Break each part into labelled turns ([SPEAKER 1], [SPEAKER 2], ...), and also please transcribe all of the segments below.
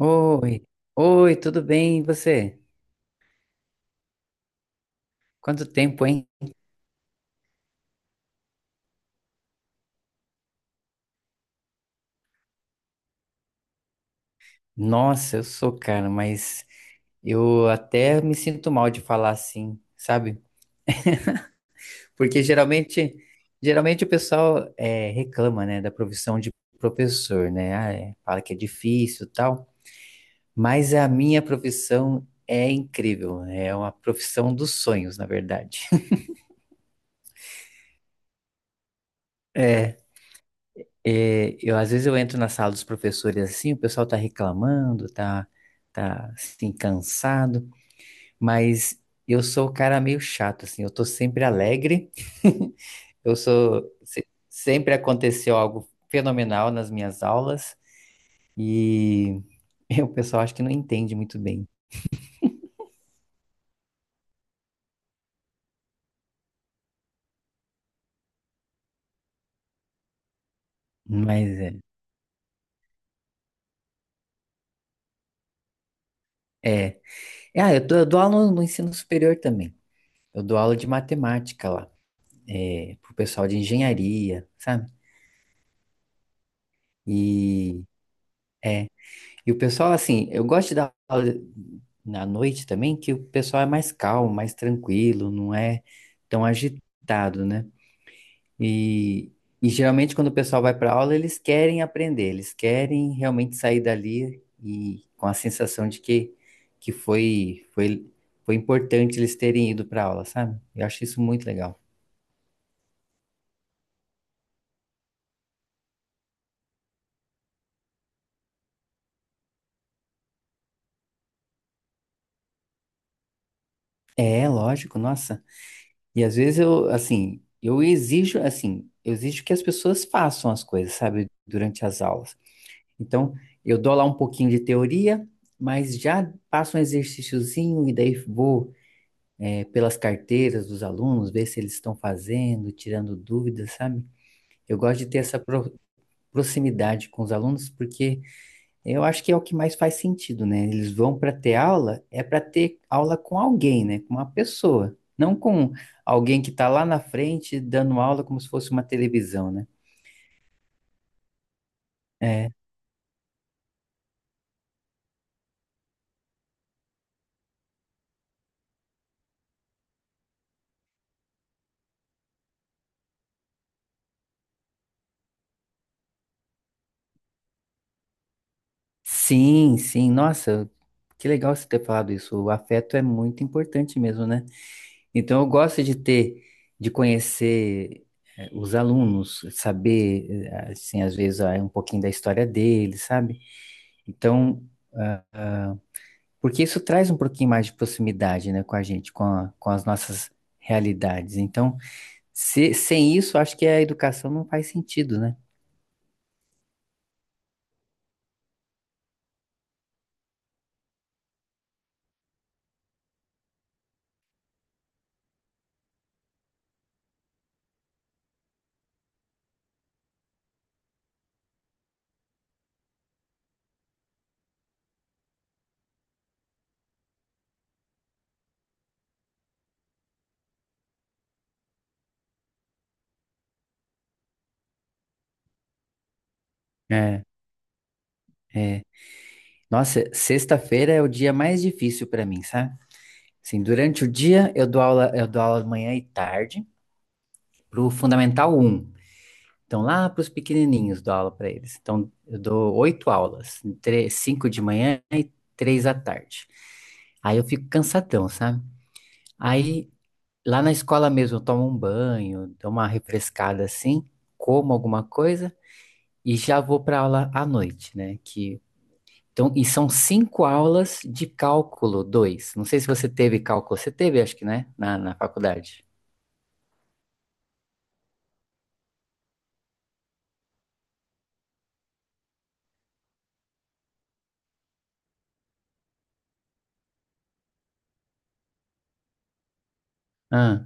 [SPEAKER 1] Oi, oi, tudo bem? E você? Quanto tempo, hein? Nossa, eu sou, cara, mas eu até me sinto mal de falar assim, sabe? Porque geralmente o pessoal reclama, né, da profissão de professor, né? Ah, é, fala que é difícil, e tal. Mas a minha profissão é incrível, é uma profissão dos sonhos, na verdade. É, eu às vezes eu entro na sala dos professores assim, o pessoal tá reclamando, tá assim cansado, mas eu sou o cara meio chato assim, eu tô sempre alegre. Eu sou se- Sempre aconteceu algo fenomenal nas minhas aulas e o pessoal acho que não entende muito bem, mas é. É, é, eu dou aula no ensino superior também. Eu dou aula de matemática lá, pro pessoal de engenharia, sabe? e E o pessoal, assim, eu gosto de dar aula na noite também, que o pessoal é mais calmo, mais tranquilo, não é tão agitado, né? E, e geralmente quando o pessoal vai para aula, eles querem aprender, eles querem realmente sair dali e com a sensação de que foi importante eles terem ido para aula, sabe? Eu acho isso muito legal. É, lógico, nossa. E às vezes eu, assim, eu exijo que as pessoas façam as coisas, sabe, durante as aulas. Então, eu dou lá um pouquinho de teoria, mas já passo um exercíciozinho e daí vou, pelas carteiras dos alunos, ver se eles estão fazendo, tirando dúvidas, sabe? Eu gosto de ter essa proximidade com os alunos, porque eu acho que é o que mais faz sentido, né? Eles vão para ter aula, é para ter aula com alguém, né? Com uma pessoa, não com alguém que está lá na frente dando aula como se fosse uma televisão, né? É. Sim, sim, nossa, que legal você ter falado isso. O afeto é muito importante mesmo, né? Então eu gosto de ter, de conhecer os alunos, saber, assim, às vezes um pouquinho da história deles, sabe? Então, ah, porque isso traz um pouquinho mais de proximidade, né, com a gente, com com as nossas realidades. Então, sem isso, acho que a educação não faz sentido, né? É, é. Nossa, sexta-feira é o dia mais difícil para mim, sabe? Sim, durante o dia eu dou aula manhã e tarde para o Fundamental um. Então, lá para os pequenininhos dou aula para eles. Então, eu dou oito aulas, cinco de manhã e três à tarde. Aí eu fico cansadão, sabe? Aí, lá na escola mesmo, eu tomo um banho, dou uma refrescada assim, como alguma coisa e já vou para aula à noite, né? Que, então, e são cinco aulas de cálculo 2. Não sei se você teve cálculo, você teve, acho que, né? Na faculdade. Ah,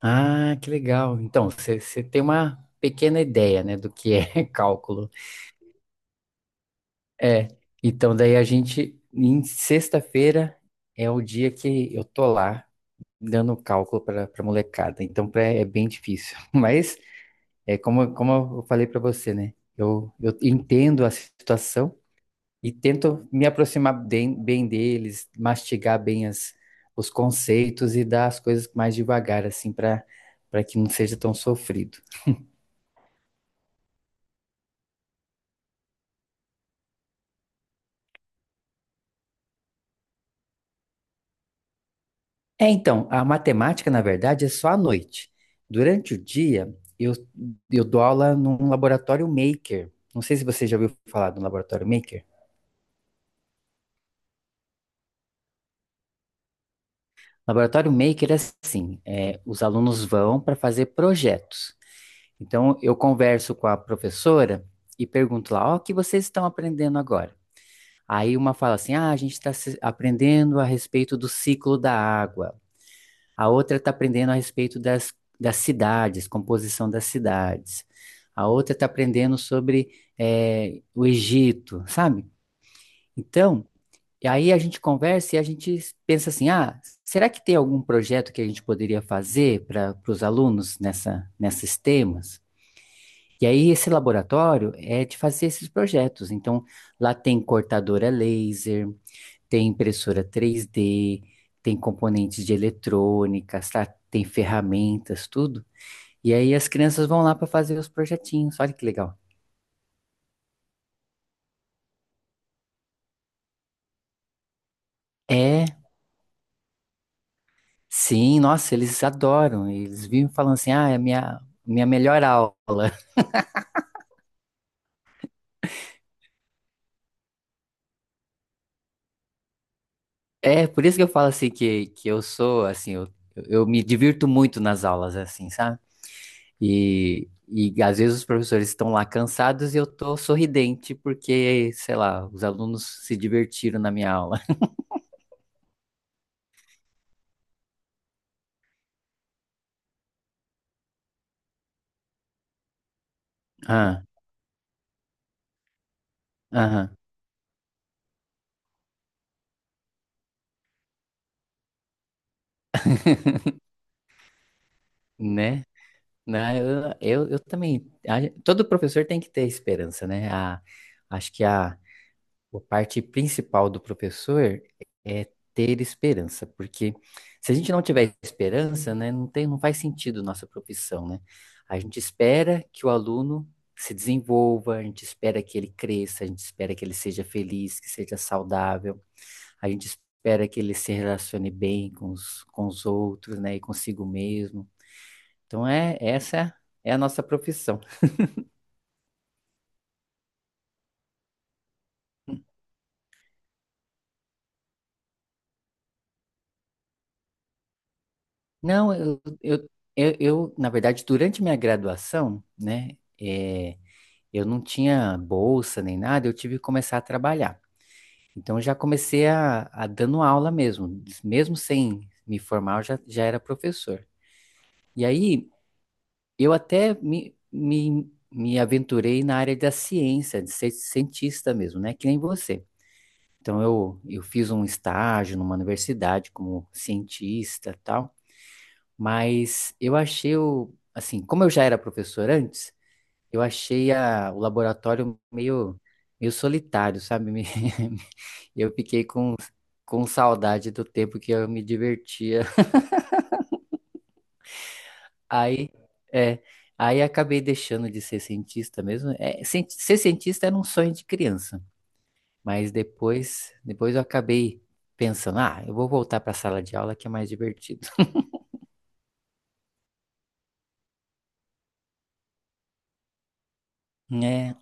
[SPEAKER 1] ah, que legal. Então, você tem uma pequena ideia, né, do que é cálculo. É, então daí a gente, em sexta-feira, é o dia que eu tô lá dando cálculo para molecada. Então é bem difícil. Mas é como eu falei para você, né? Eu entendo a situação e tento me aproximar bem, bem deles, mastigar bem os conceitos e dar as coisas mais devagar, assim, para que não seja tão sofrido. É, então, a matemática, na verdade, é só à noite. Durante o dia, eu dou aula num laboratório maker. Não sei se você já ouviu falar do laboratório maker. Laboratório maker é assim, os alunos vão para fazer projetos. Então, eu converso com a professora e pergunto lá, ó, o que vocês estão aprendendo agora? Aí uma fala assim, ah, a gente está aprendendo a respeito do ciclo da água. A outra está aprendendo a respeito das cidades, composição das cidades. A outra está aprendendo sobre o Egito, sabe? Então, e aí a gente conversa e a gente pensa assim: ah, será que tem algum projeto que a gente poderia fazer para os alunos nesses temas? E aí esse laboratório é de fazer esses projetos. Então, lá tem cortadora laser, tem impressora 3D, tem componentes de eletrônica, tem ferramentas, tudo. E aí as crianças vão lá para fazer os projetinhos. Olha que legal. É, sim, nossa, eles adoram. Eles vivem falando assim: ah, é a minha melhor aula. É, por isso que eu falo assim que eu sou, assim, eu me divirto muito nas aulas, assim, sabe? E às vezes os professores estão lá cansados e eu tô sorridente porque, sei lá, os alunos se divertiram na minha aula. Aham, né? Né, Eu também. Todo professor tem que ter esperança, né? Acho que a parte principal do professor é ter esperança, porque se a gente não tiver esperança, né, não tem, não faz sentido nossa profissão, né? A gente espera que o aluno se desenvolva, a gente espera que ele cresça, a gente espera que ele seja feliz, que seja saudável, a gente espera que ele se relacione bem com os, outros, né, e consigo mesmo. Então é essa é a nossa profissão. Não, eu, na verdade, durante minha graduação, né, é, eu não tinha bolsa nem nada, eu tive que começar a trabalhar. Então eu já comecei a dando aula mesmo, mesmo sem me formar, eu já era professor. E aí eu até me aventurei na área da ciência, de ser cientista mesmo, né, que nem você. Então eu fiz um estágio numa universidade como cientista, e tal. Mas eu achei assim, como eu já era professor antes, eu achei o laboratório meio solitário, sabe? Eu fiquei com saudade do tempo que eu me divertia. Aí, é, aí acabei deixando de ser cientista mesmo. É, ser cientista era um sonho de criança, mas depois eu acabei pensando, ah, eu vou voltar para a sala de aula que é mais divertido. É,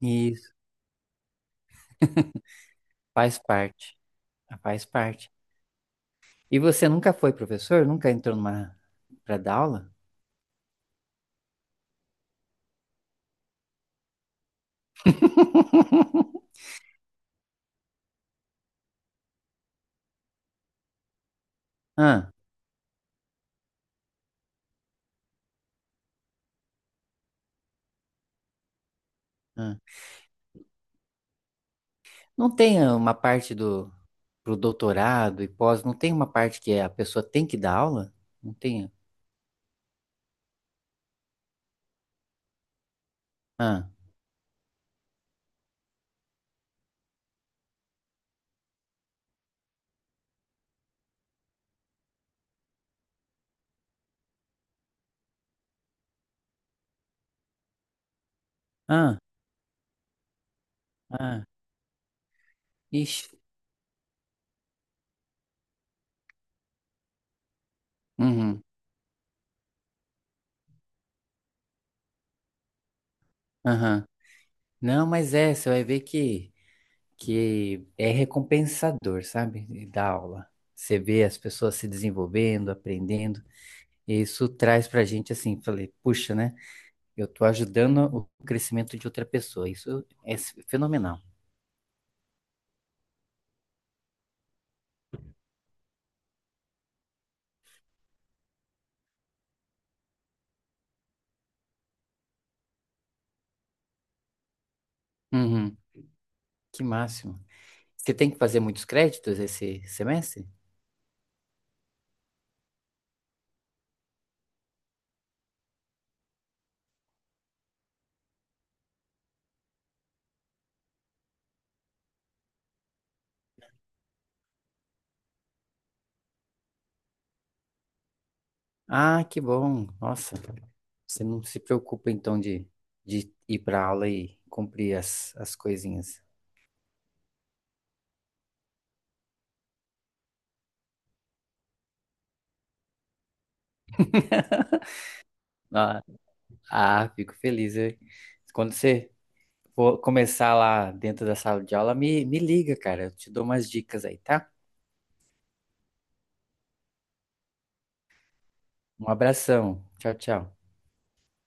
[SPEAKER 1] isso faz parte, faz parte. E você nunca foi professor? Nunca entrou numa para dar aula? Ah, ah. Não tem uma parte do pro doutorado e pós, não tem uma parte que a pessoa tem que dar aula? Não tem. Ah, ah, ah. Ixi. Uhum, aham. Não, mas é, você vai ver que é recompensador, sabe? Dar aula. Você vê as pessoas se desenvolvendo, aprendendo, e isso traz pra gente assim, falei, puxa, né? Eu tô ajudando o crescimento de outra pessoa. Isso é fenomenal. Uhum, que máximo. Você tem que fazer muitos créditos esse semestre? Ah, que bom. Nossa, você não se preocupa então de ir para aula e cumprir as coisinhas. Ah, ah, fico feliz. Quando você for começar lá dentro da sala de aula, me liga, cara. Eu te dou umas dicas aí, tá? Um abração. Tchau, tchau.